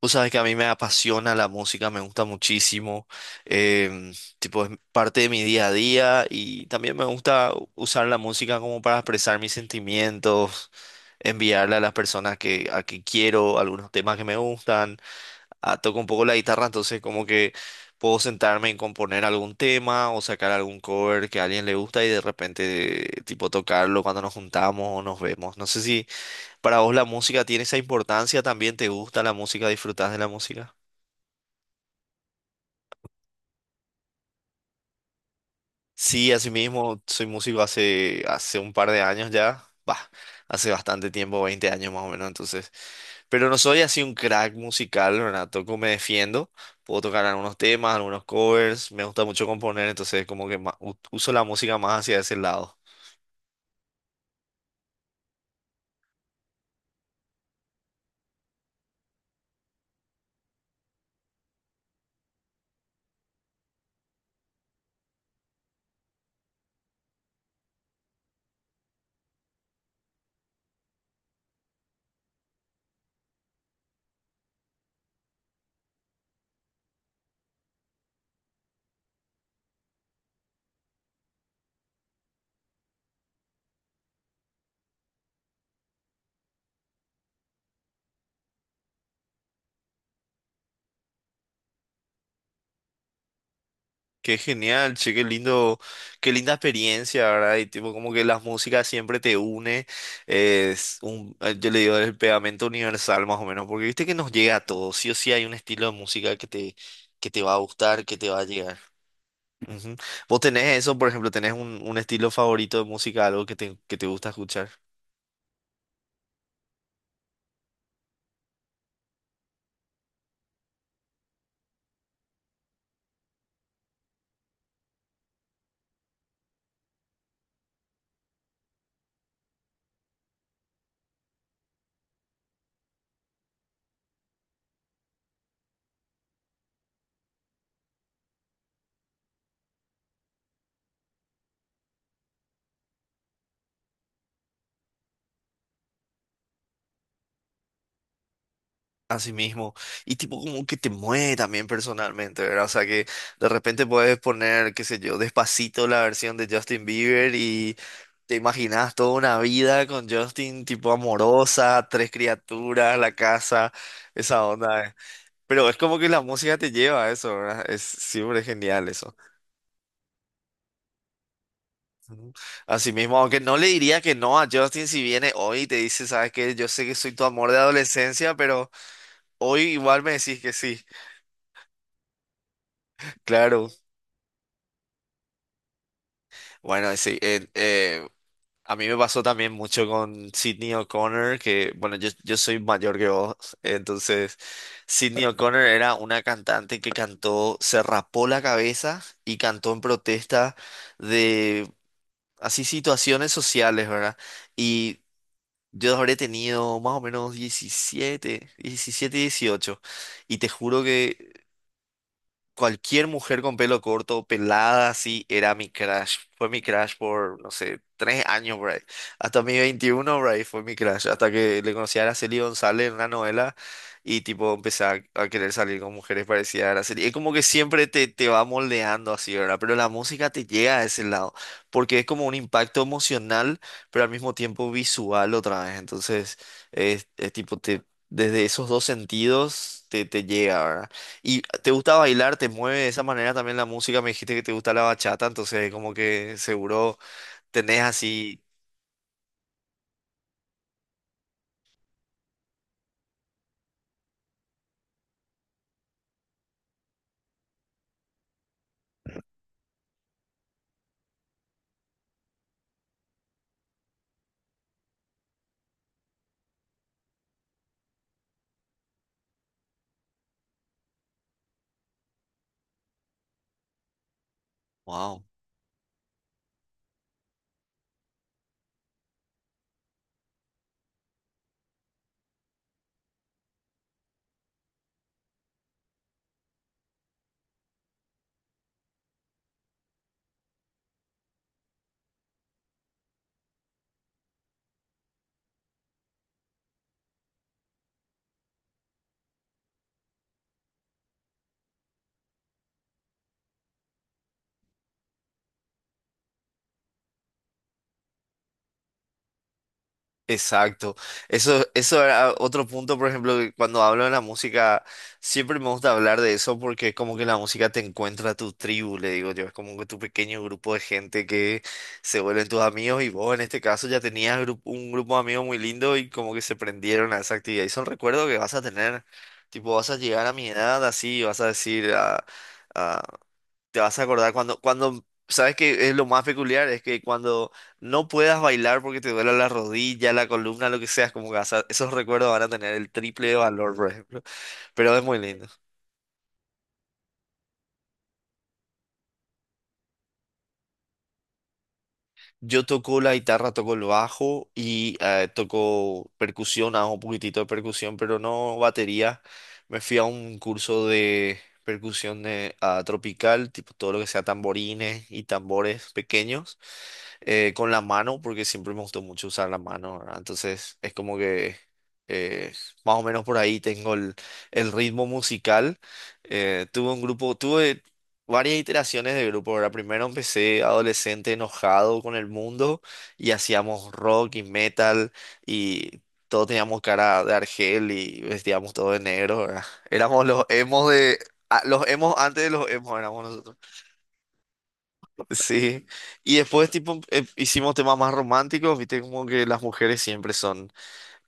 Tú sabes que a mí me apasiona la música, me gusta muchísimo, em, tipo es parte de mi día a día y también me gusta usar la música como para expresar mis sentimientos, enviarle a las personas a que quiero algunos temas que me gustan. Ah, toco un poco la guitarra, entonces como que puedo sentarme en componer algún tema o sacar algún cover que a alguien le gusta y de repente tipo tocarlo cuando nos juntamos o nos vemos. No sé si para vos la música tiene esa importancia, también te gusta la música, disfrutás de la música. Sí, así mismo, soy músico hace un par de años ya, bah, hace bastante tiempo, 20 años más o menos, entonces, pero no soy así un crack musical, ¿verdad? Toco, me defiendo, puedo tocar algunos temas, algunos covers, me gusta mucho componer, entonces como que uso la música más hacia ese lado. Qué genial, che, qué lindo, qué linda experiencia, ¿verdad? Y tipo, como que la música siempre te une, es un, yo le digo, el pegamento universal más o menos, porque viste que nos llega a todos, sí o sí hay un estilo de música que te va a gustar, que te va a llegar. Ujú. ¿Vos tenés eso, por ejemplo, tenés un estilo favorito de música, algo que te gusta escuchar? Así mismo. Y tipo como que te mueve también personalmente, ¿verdad? O sea que de repente puedes poner, qué sé yo, Despacito, la versión de Justin Bieber, y te imaginas toda una vida con Justin tipo amorosa, tres criaturas, la casa, esa onda. Pero es como que la música te lleva a eso, ¿verdad? Es siempre genial eso. Ujú. Así mismo, aunque no le diría que no a Justin si viene hoy y te dice, ¿sabes qué? Yo sé que soy tu amor de adolescencia, pero hoy igual me decís que sí. Claro. Bueno, sí, a mí me pasó también mucho con Sydney O'Connor, que bueno, yo soy mayor que vos, entonces Sydney O'Connor era una cantante que cantó, se rapó la cabeza y cantó en protesta de así situaciones sociales, ¿verdad? Y yo habré tenido más o menos diecisiete 18 y te juro que cualquier mujer con pelo corto, pelada, así, era mi crush. Fue mi crush por, no sé, 3 años, por ahí. Hasta mi 21 por ahí, fue mi crush. Hasta que le conocí a Araceli González en una novela y, tipo, empecé a querer salir con mujeres parecidas a Araceli. Es como que siempre te va moldeando así, ¿verdad? Pero la música te llega a ese lado, porque es como un impacto emocional, pero al mismo tiempo visual otra vez. Entonces, es tipo, te, desde esos dos sentidos te llega, ¿verdad? ¿Y te gusta bailar? ¿Te mueve de esa manera también la música? Me dijiste que te gusta la bachata, entonces como que seguro tenés así, wow. Exacto. Eso era otro punto, por ejemplo, que cuando hablo de la música, siempre me gusta hablar de eso porque es como que la música te encuentra a tu tribu, le digo yo, es como que tu pequeño grupo de gente que se vuelven tus amigos, y vos en este caso ya tenías un grupo de amigos muy lindo y como que se prendieron a esa actividad. Y son recuerdos que vas a tener, tipo, vas a llegar a mi edad así, y vas a decir, ah, ah, te vas a acordar cuando, cuando, ¿sabes que es lo más peculiar? Es que cuando no puedas bailar porque te duela la rodilla, la columna, lo que sea, es como que vas esos recuerdos van a tener el triple de valor, por ejemplo. Pero es muy lindo. Yo toco la guitarra, toco el bajo y toco percusión, hago un poquitito de percusión, pero no batería. Me fui a un curso de percusión tropical, tipo todo lo que sea tamborines y tambores pequeños, con la mano, porque siempre me gustó mucho usar la mano, ¿verdad? Entonces es como que eh, más o menos por ahí tengo el ritmo musical. Tuve un grupo, tuve varias iteraciones de grupo, ¿verdad? Primero empecé adolescente enojado con el mundo y hacíamos rock y metal y todos teníamos cara de argel y vestíamos todo de negro, ¿verdad? Éramos los emos de... Ah, los emos antes de los emos éramos nosotros. Sí. Y después tipo hicimos temas más románticos, viste como que las mujeres siempre son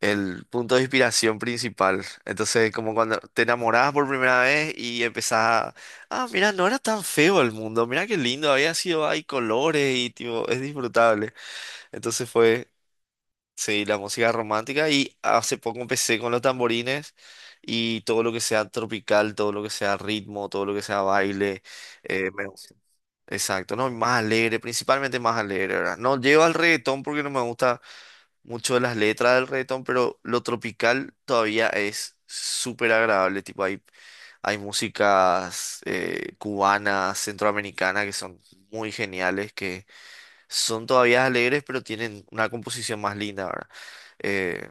el punto de inspiración principal. Entonces, como cuando te enamorabas por primera vez y empezás a, mira, no era tan feo el mundo, mira qué lindo, había sido, hay colores y tipo, es disfrutable. Entonces fue, sí, la música romántica, y hace poco empecé con los tamborines y todo lo que sea tropical, todo lo que sea ritmo, todo lo que sea baile, me gusta. Exacto, no, más alegre, principalmente más alegre, ¿verdad? No llego al reggaetón porque no me gusta mucho de las letras del reggaetón, pero lo tropical todavía es súper agradable. Tipo, hay músicas cubanas, centroamericanas que son muy geniales, que son todavía alegres, pero tienen una composición más linda, ¿verdad? Eh,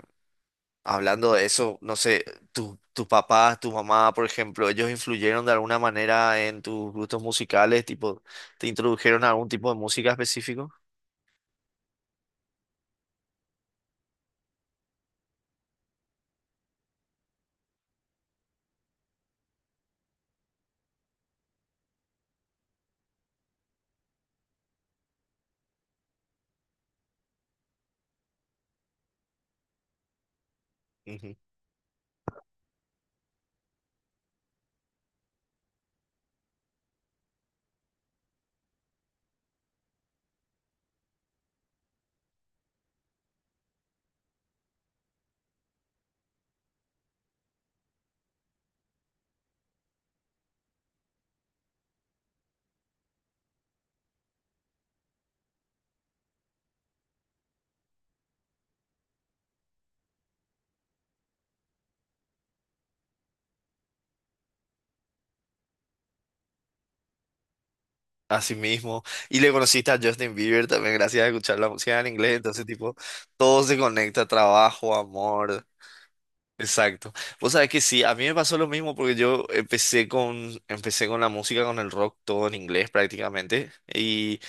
Hablando de eso, no sé, tus papás, tu mamá, por ejemplo, ellos influyeron de alguna manera en tus gustos musicales, tipo, ¿te introdujeron a algún tipo de música específico? Así mismo. Y le conociste a Justin Bieber también gracias a escuchar la música en inglés. Entonces, tipo, todo se conecta, trabajo, amor. Exacto. Vos sabés que sí, a mí me pasó lo mismo porque yo empecé con la música, con el rock, todo en inglés prácticamente. Y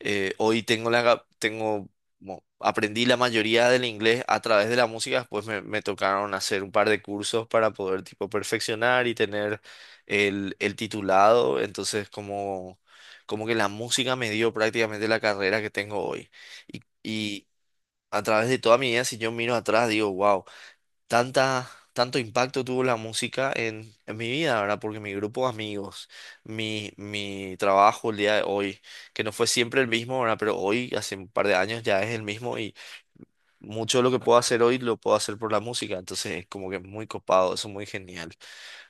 hoy tengo la, tengo, aprendí la mayoría del inglés a través de la música, después me tocaron hacer un par de cursos para poder tipo perfeccionar y tener el titulado, entonces como que la música me dio prácticamente la carrera que tengo hoy. Y a través de toda mi vida, si yo miro atrás, digo, wow, tanta, tanto impacto tuvo la música en mi vida, ¿verdad? Porque mi grupo de amigos, mi trabajo el día de hoy, que no fue siempre el mismo, ¿verdad? Pero hoy, hace un par de años, ya es el mismo, y mucho de lo que puedo hacer hoy lo puedo hacer por la música. Entonces es como que muy copado, eso es muy genial,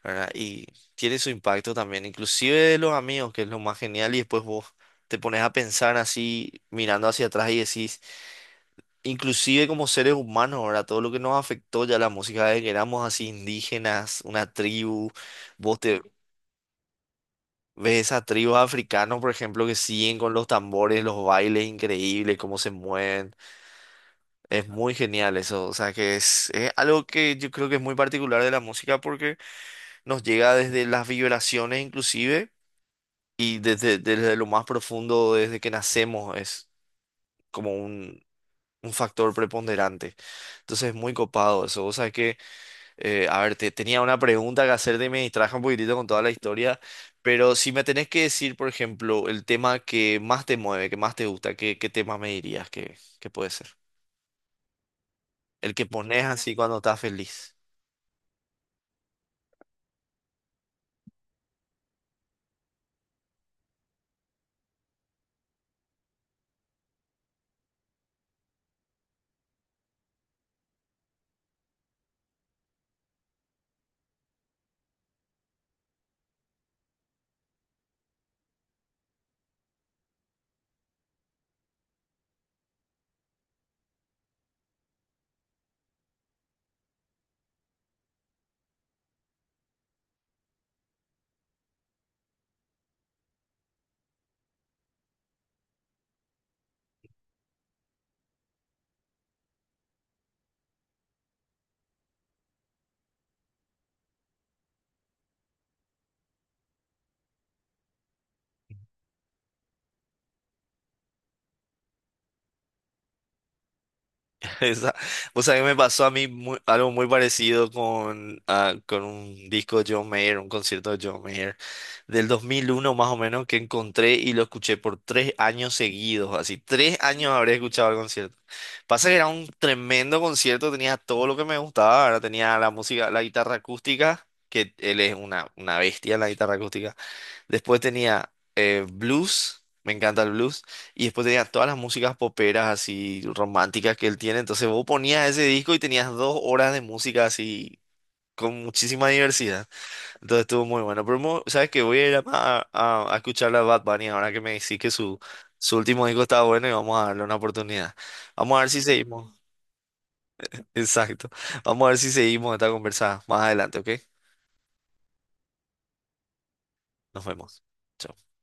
¿verdad? Y tiene su impacto también, inclusive de los amigos, que es lo más genial, y después vos te pones a pensar así, mirando hacia atrás y decís... Inclusive como seres humanos, ahora todo lo que nos afectó ya la música, de que éramos así indígenas, una tribu, vos te ves esas tribus africanos, por ejemplo, que siguen con los tambores, los bailes increíbles, cómo se mueven, es muy genial eso, o sea que es algo que yo creo que es muy particular de la música porque nos llega desde las vibraciones inclusive y desde lo más profundo, desde que nacemos, es como un factor preponderante, entonces es muy copado eso, o sea que... a ver, tenía una pregunta que hacerte y me distraje un poquitito con toda la historia, pero si me tenés que decir, por ejemplo, el tema que más te mueve, que más te gusta, ¿qué tema me dirías que puede ser? El que pones así cuando estás feliz. Esa, vos sabés que me pasó a mí algo muy parecido con, con un disco de John Mayer, un concierto de John Mayer, del 2001 más o menos, que encontré y lo escuché por 3 años seguidos, así, 3 años habré escuchado el concierto. Pasa que era un tremendo concierto, tenía todo lo que me gustaba, ahora tenía la música, la guitarra acústica, que él es una bestia en la guitarra acústica. Después tenía blues, me encanta el blues, y después tenía todas las músicas poperas así románticas que él tiene. Entonces vos ponías ese disco y tenías 2 horas de música así con muchísima diversidad. Entonces estuvo muy bueno. Pero sabes que voy a ir a, escuchar a Bad Bunny ahora que me decís que su último disco estaba bueno y vamos a darle una oportunidad. Vamos a ver si seguimos. Exacto. Vamos a ver si seguimos esta conversa más adelante, ¿ok? Nos vemos. Chao.